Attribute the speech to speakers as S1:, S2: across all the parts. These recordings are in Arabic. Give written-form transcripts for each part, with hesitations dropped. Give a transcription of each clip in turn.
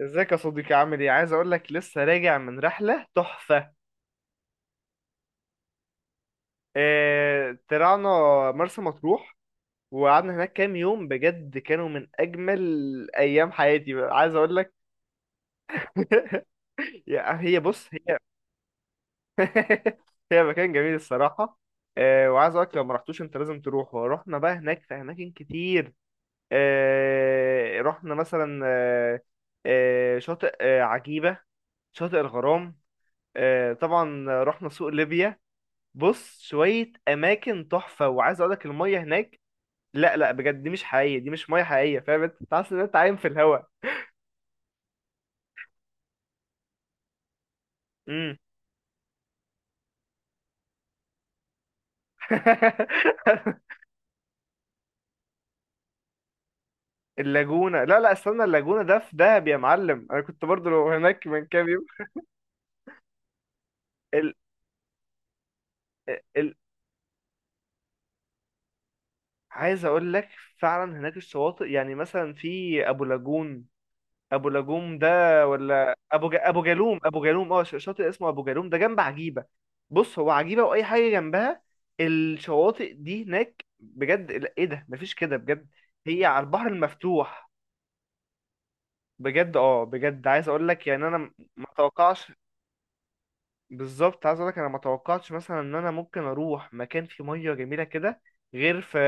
S1: ازيك يا صديقي، عامل ايه؟ عايز اقول لك، لسه راجع من رحله تحفه. اه طلعنا مرسى مطروح. وقعدنا هناك كام يوم، بجد كانوا من اجمل ايام حياتي بقى. عايز اقول لك. هي بص هي. هي مكان جميل الصراحه. اه وعايز اقول لك، لو ما رحتوش انت لازم تروح. ورحنا بقى هناك في اماكن كتير. اه رحنا مثلا اه. اه شاطئ عجيبه، شاطئ الغرام. اه طبعا رحنا سوق ليبيا. بص، شوية أماكن تحفة، وعايز أقولك المية هناك. لا، لا، بجد دي مش حقيقية، دي مش مية حقيقية، فاهم؟ أنت حاسس إن أنت عايم في الهوا. امم. اللاجونة؟ لا لا، استنى، اللاجونة ده في دهب يا معلم، أنا كنت برضو هناك من كام يوم. ال... ال... عايز أقولك، فعلا هناك الشواطئ، يعني مثلا في أبو لاجون، ابو لاجوم ده، ولا ابو جالوم. شاطئ اسمه ابو جالوم، ده جنب عجيبه. بص، هو عجيبه واي حاجه جنبها، الشواطئ دي هناك بجد. لا، ايه ده، مفيش كده بجد. هي على البحر المفتوح. بجد، بجد عايز اقول لك، يعني انا ما توقعش. بالظبط، عايز اقول لك، انا ما توقعتش مثلا ان انا ممكن اروح مكان فيه ميه جميله كده، غير في,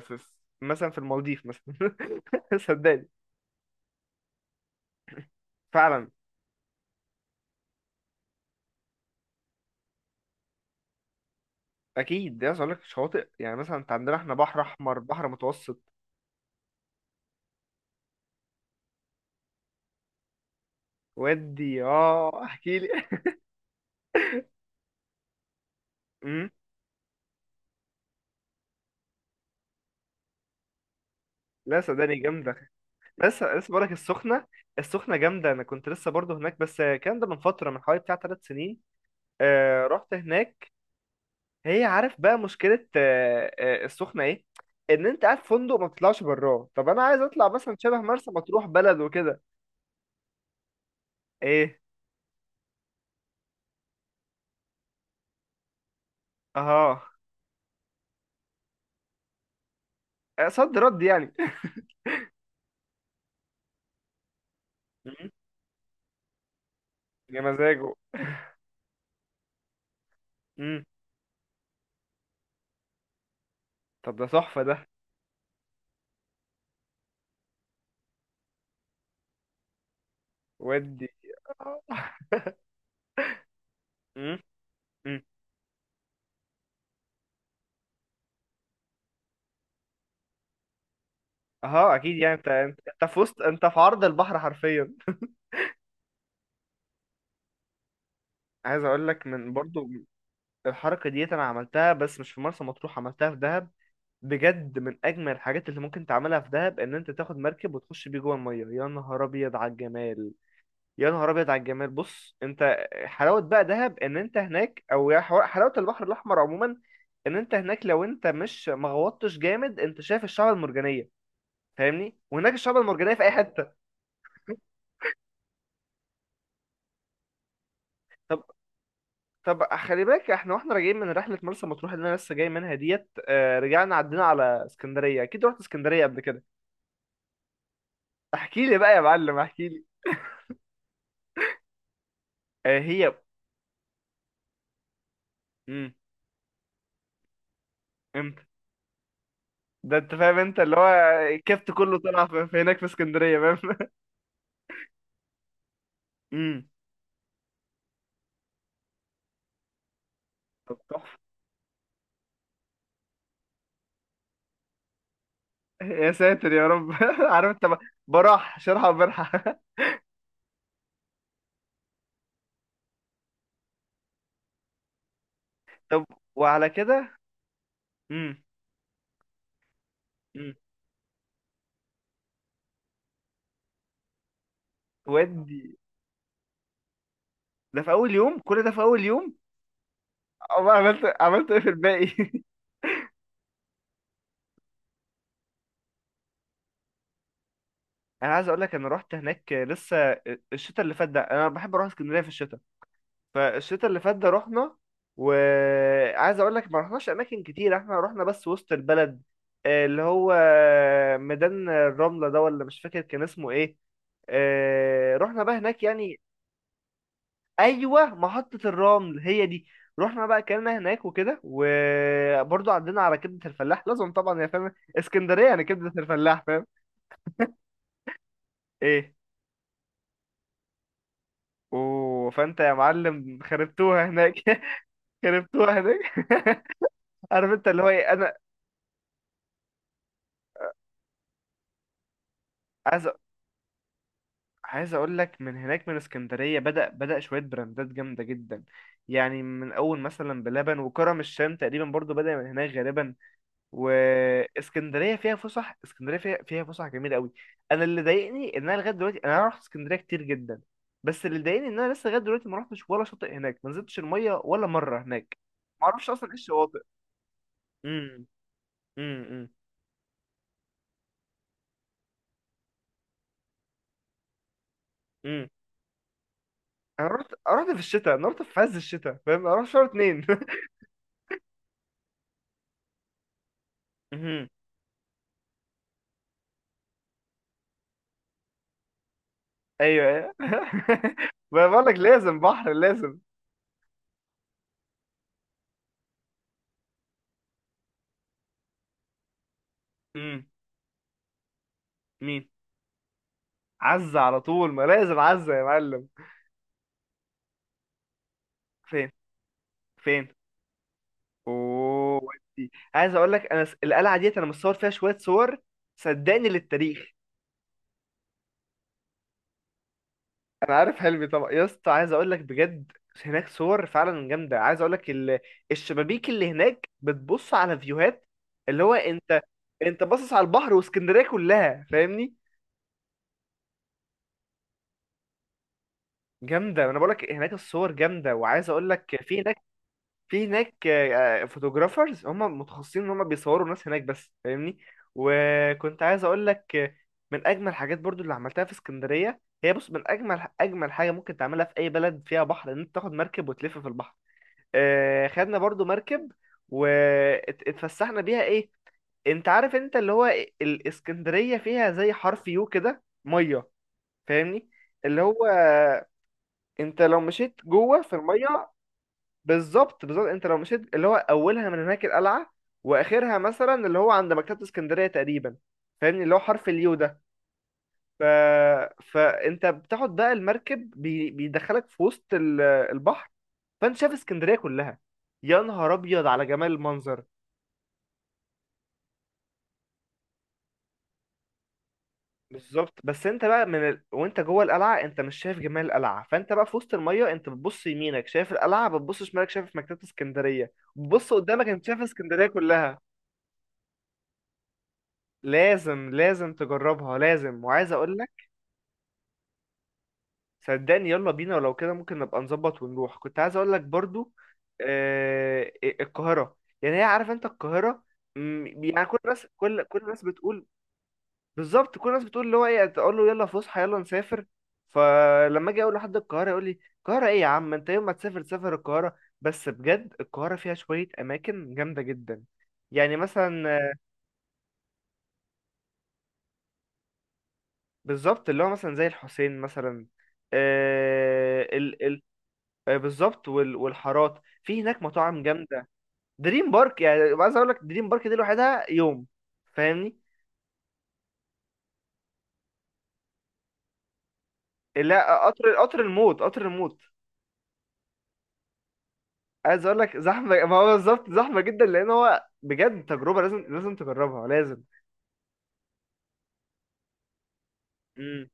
S1: في... في مثلا، في المالديف مثلا. صدقني. فعلا. اكيد ده. عايز اقول لك، شواطئ يعني مثلا، انت عندنا احنا بحر احمر، بحر متوسط. ودي اه احكي لي. امم. لا، صدقني، جامده. لسه لسه بقول لك السخنه. السخنه جامده، انا كنت لسه برضه هناك، بس الكلام ده من فتره، من حوالي بتاع 3 سنين. آه رحت هناك. هي عارف بقى مشكله آه آه السخنه ايه؟ ان انت قاعد في فندق، ما بتطلعش براه. طب انا عايز اطلع مثلا شبه مرسى مطروح، بلد وكده. ايه. اها. آه، صد رد يعني. مم. يا مزاجه. امم. طب ده تحفه ده. ودي. مم. مم. اه اكيد، يعني انت في عرض البحر حرفيا. عايز اقول لك، من برضو الحركه ديت انا عملتها، بس مش في مرسى مطروح، عملتها في دهب. بجد من اجمل الحاجات اللي ممكن تعملها في دهب، ان انت تاخد مركب وتخش بيه جوه الميه، يا نهار ابيض على الجمال. يا نهار ابيض على الجمال، بص انت حلاوه بقى دهب ان انت هناك، او حلاوه البحر الاحمر عموما. ان انت هناك، لو انت مش مغوطتش جامد، انت شايف الشعب المرجانيه، فاهمني؟ وهناك الشعب المرجانيه في اي حته. طب طب خلي بالك، احنا واحنا راجعين من رحلة مرسى مطروح اللي انا لسه جاي منها ديت، آه، رجعنا عدينا على اسكندرية، اكيد رحت اسكندرية قبل كده. احكي لي بقى يا معلم، احكي لي. آه، هي. امم امتى؟ ده انت فاهم، انت اللي هو الكبت كله طلع في هناك، في اسكندرية، فاهم؟ امم. طب تحفة. يا ساتر يا رب. عارف انت براح شرحة وبرحة. طب. وعلى كده. امم. امم. ودي. ده في اول يوم، كل ده في اول يوم. أما عملت ايه في الباقي؟ انا عايز اقول لك، انا رحت هناك لسه. الشتاء اللي فات ده، انا بحب اروح اسكندريه في الشتاء. فالشتاء اللي فات ده رحنا. وعايز اقول لك، ما رحناش اماكن كتير، احنا رحنا بس وسط البلد. آه، اللي هو ميدان الرمله ده، ولا مش فاكر كان اسمه ايه. آه، رحنا بقى هناك يعني. ايوه محطه الرمل هي دي. رحنا بقى اكلنا هناك وكده، وبرضه عدينا على كبده الفلاح، لازم طبعا يا فاهم. اسكندريه يعني كبده الفلاح فاهم. ايه. اوه، فانت يا معلم خربتوها هناك. خربتوها هناك. عارف انت اللي هو ايه انا. عايز أ- عايز اقول لك، من هناك من اسكندريه بدا شويه براندات جامده جدا. يعني من اول مثلا بلبن وكرم الشام تقريبا، برضو بدا من هناك غالبا. واسكندريه فيها فسح، اسكندريه فيها فسح جميله قوي. انا اللي ضايقني ان انا لغايه دلوقتي انا رحت اسكندريه كتير جدا. بس اللي ضايقني ان انا لسه لغايه دلوقتي ما رحتش ولا شاطئ هناك، ما نزلتش الميه ولا مره هناك. ما اعرفش اصلا ايه الشواطئ. امم. امم. امم. امم. انا رحت في الشتاء، انا رحت في عز الشتاء فاهم، انا رحت شهر اتنين. امم. ايوه ايوه. ما بقول لك، لازم بحر لازم. امم. مين؟ عزة على طول، ما لازم عزة يا معلم. فين؟ فين؟ اوه ودي. عايز اقول لك، انا القلعه ديت انا مصور فيها شويه صور. صدقني للتاريخ. انا عارف حلمي طبعا يا اسطى، عايز اقول لك بجد، هناك صور فعلا جامده. عايز اقول لك الشبابيك اللي هناك بتبص على فيوهات، اللي هو انت باصص على البحر واسكندريه كلها فاهمني. جامده، انا بقول لك هناك الصور جامده. وعايز اقول لك في هناك، في هناك فوتوغرافرز، هم متخصصين ان هم بيصوروا الناس هناك بس، فاهمني. وكنت عايز اقول لك، من اجمل الحاجات برضو اللي عملتها في اسكندريه، هي بص، من اجمل اجمل حاجه ممكن تعملها في اي بلد فيها بحر، ان انت تاخد مركب وتلف في البحر. آه، خدنا برضو مركب واتفسحنا بيها ايه. انت عارف انت اللي هو إيه؟ الاسكندرية فيها زي حرف يو كده مية، فاهمني؟ اللي هو انت لو مشيت جوه في المية. بالظبط، بالظبط، انت لو مشيت اللي هو اولها من هناك القلعة، واخرها مثلا اللي هو عند مكتبة اسكندرية تقريبا، فاهمني؟ اللي هو حرف اليو ده. ف... فانت بتاخد بقى المركب بيدخلك في وسط البحر، فانت شايف اسكندريه كلها، يا نهار ابيض على جمال المنظر. بالظبط، بس انت بقى وانت جوه القلعه انت مش شايف جمال القلعه، فانت بقى في وسط الميه، انت بتبص يمينك شايف القلعه، بتبص شمالك شايف مكتبه اسكندريه، بتبص قدامك انت شايف اسكندريه كلها. لازم لازم تجربها لازم، وعايز اقول لك صدقني، يلا بينا، ولو كده ممكن نبقى نظبط ونروح. كنت عايز اقول لك برضو القاهره. يعني هي عارف انت القاهره، يعني كل الناس، كل الناس بتقول. بالظبط، كل الناس بتقول اللي هو ايه، تقول له يلا فسحه، يلا نسافر. فلما اجي اقول لحد القاهره، يقول لي القاهره ايه يا عم انت، يوم ما تسافر تسافر القاهره. بس بجد القاهره فيها شويه اماكن جامده جدا. يعني مثلا. آه، بالظبط، اللي هو مثلا زي الحسين مثلا. آه ال ال آه، بالظبط، والحارات في هناك مطاعم جامده. دريم بارك، يعني عايز اقول لك دريم بارك دي لوحدها يوم، فاهمني؟ لا، قطر الموت قطر الموت. عايز اقول لك زحمه، ما هو بالظبط زحمه جدا، لان هو بجد تجربه لازم، لازم تجربها لازم. امم.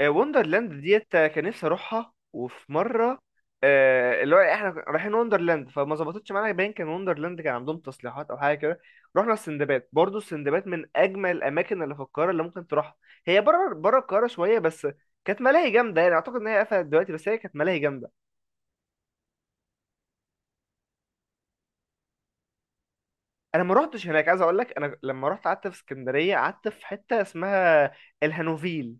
S1: آه، وندرلاند ديت، كان نفسي اروحها، وفي مره. آه، اللي هو احنا رايحين وندرلاند، فما ظبطتش معانا، باين كان وندرلاند كان عندهم تصليحات او حاجه كده. رحنا السندباد، برضو السندباد من اجمل الاماكن اللي في القاهره اللي ممكن تروحها. هي بره بره القاهره شويه بس، كانت ملاهي جامده. يعني اعتقد ان هي قفلت دلوقتي، بس هي كانت ملاهي جامده. انا ما روحتش هناك. عايز اقول لك انا لما رحت قعدت في اسكندريه، قعدت في حته اسمها الهانوفيل.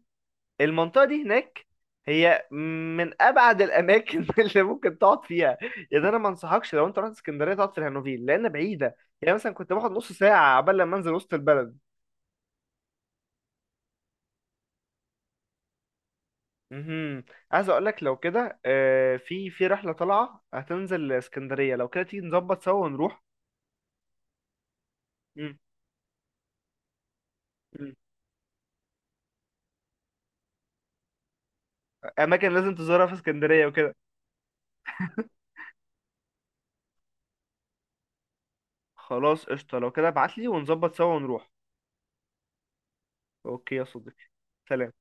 S1: المنطقة دي هناك هي من أبعد الأماكن اللي ممكن تقعد فيها. يعني أنا ما أنصحكش لو أنت رحت اسكندرية تقعد في الهانوفيل لأن بعيدة، يعني مثلا كنت باخد نص ساعة عبال لما أنزل وسط البلد. مهم. عايز أقول لك لو كده، آه، في رحلة طالعة هتنزل اسكندرية، لو كده تيجي نظبط سوا ونروح. مم. مم. أماكن لازم تزورها في اسكندرية وكده. خلاص قشطة، لو كده ابعتلي ونظبط سوا ونروح. أوكي يا صديقي، سلام.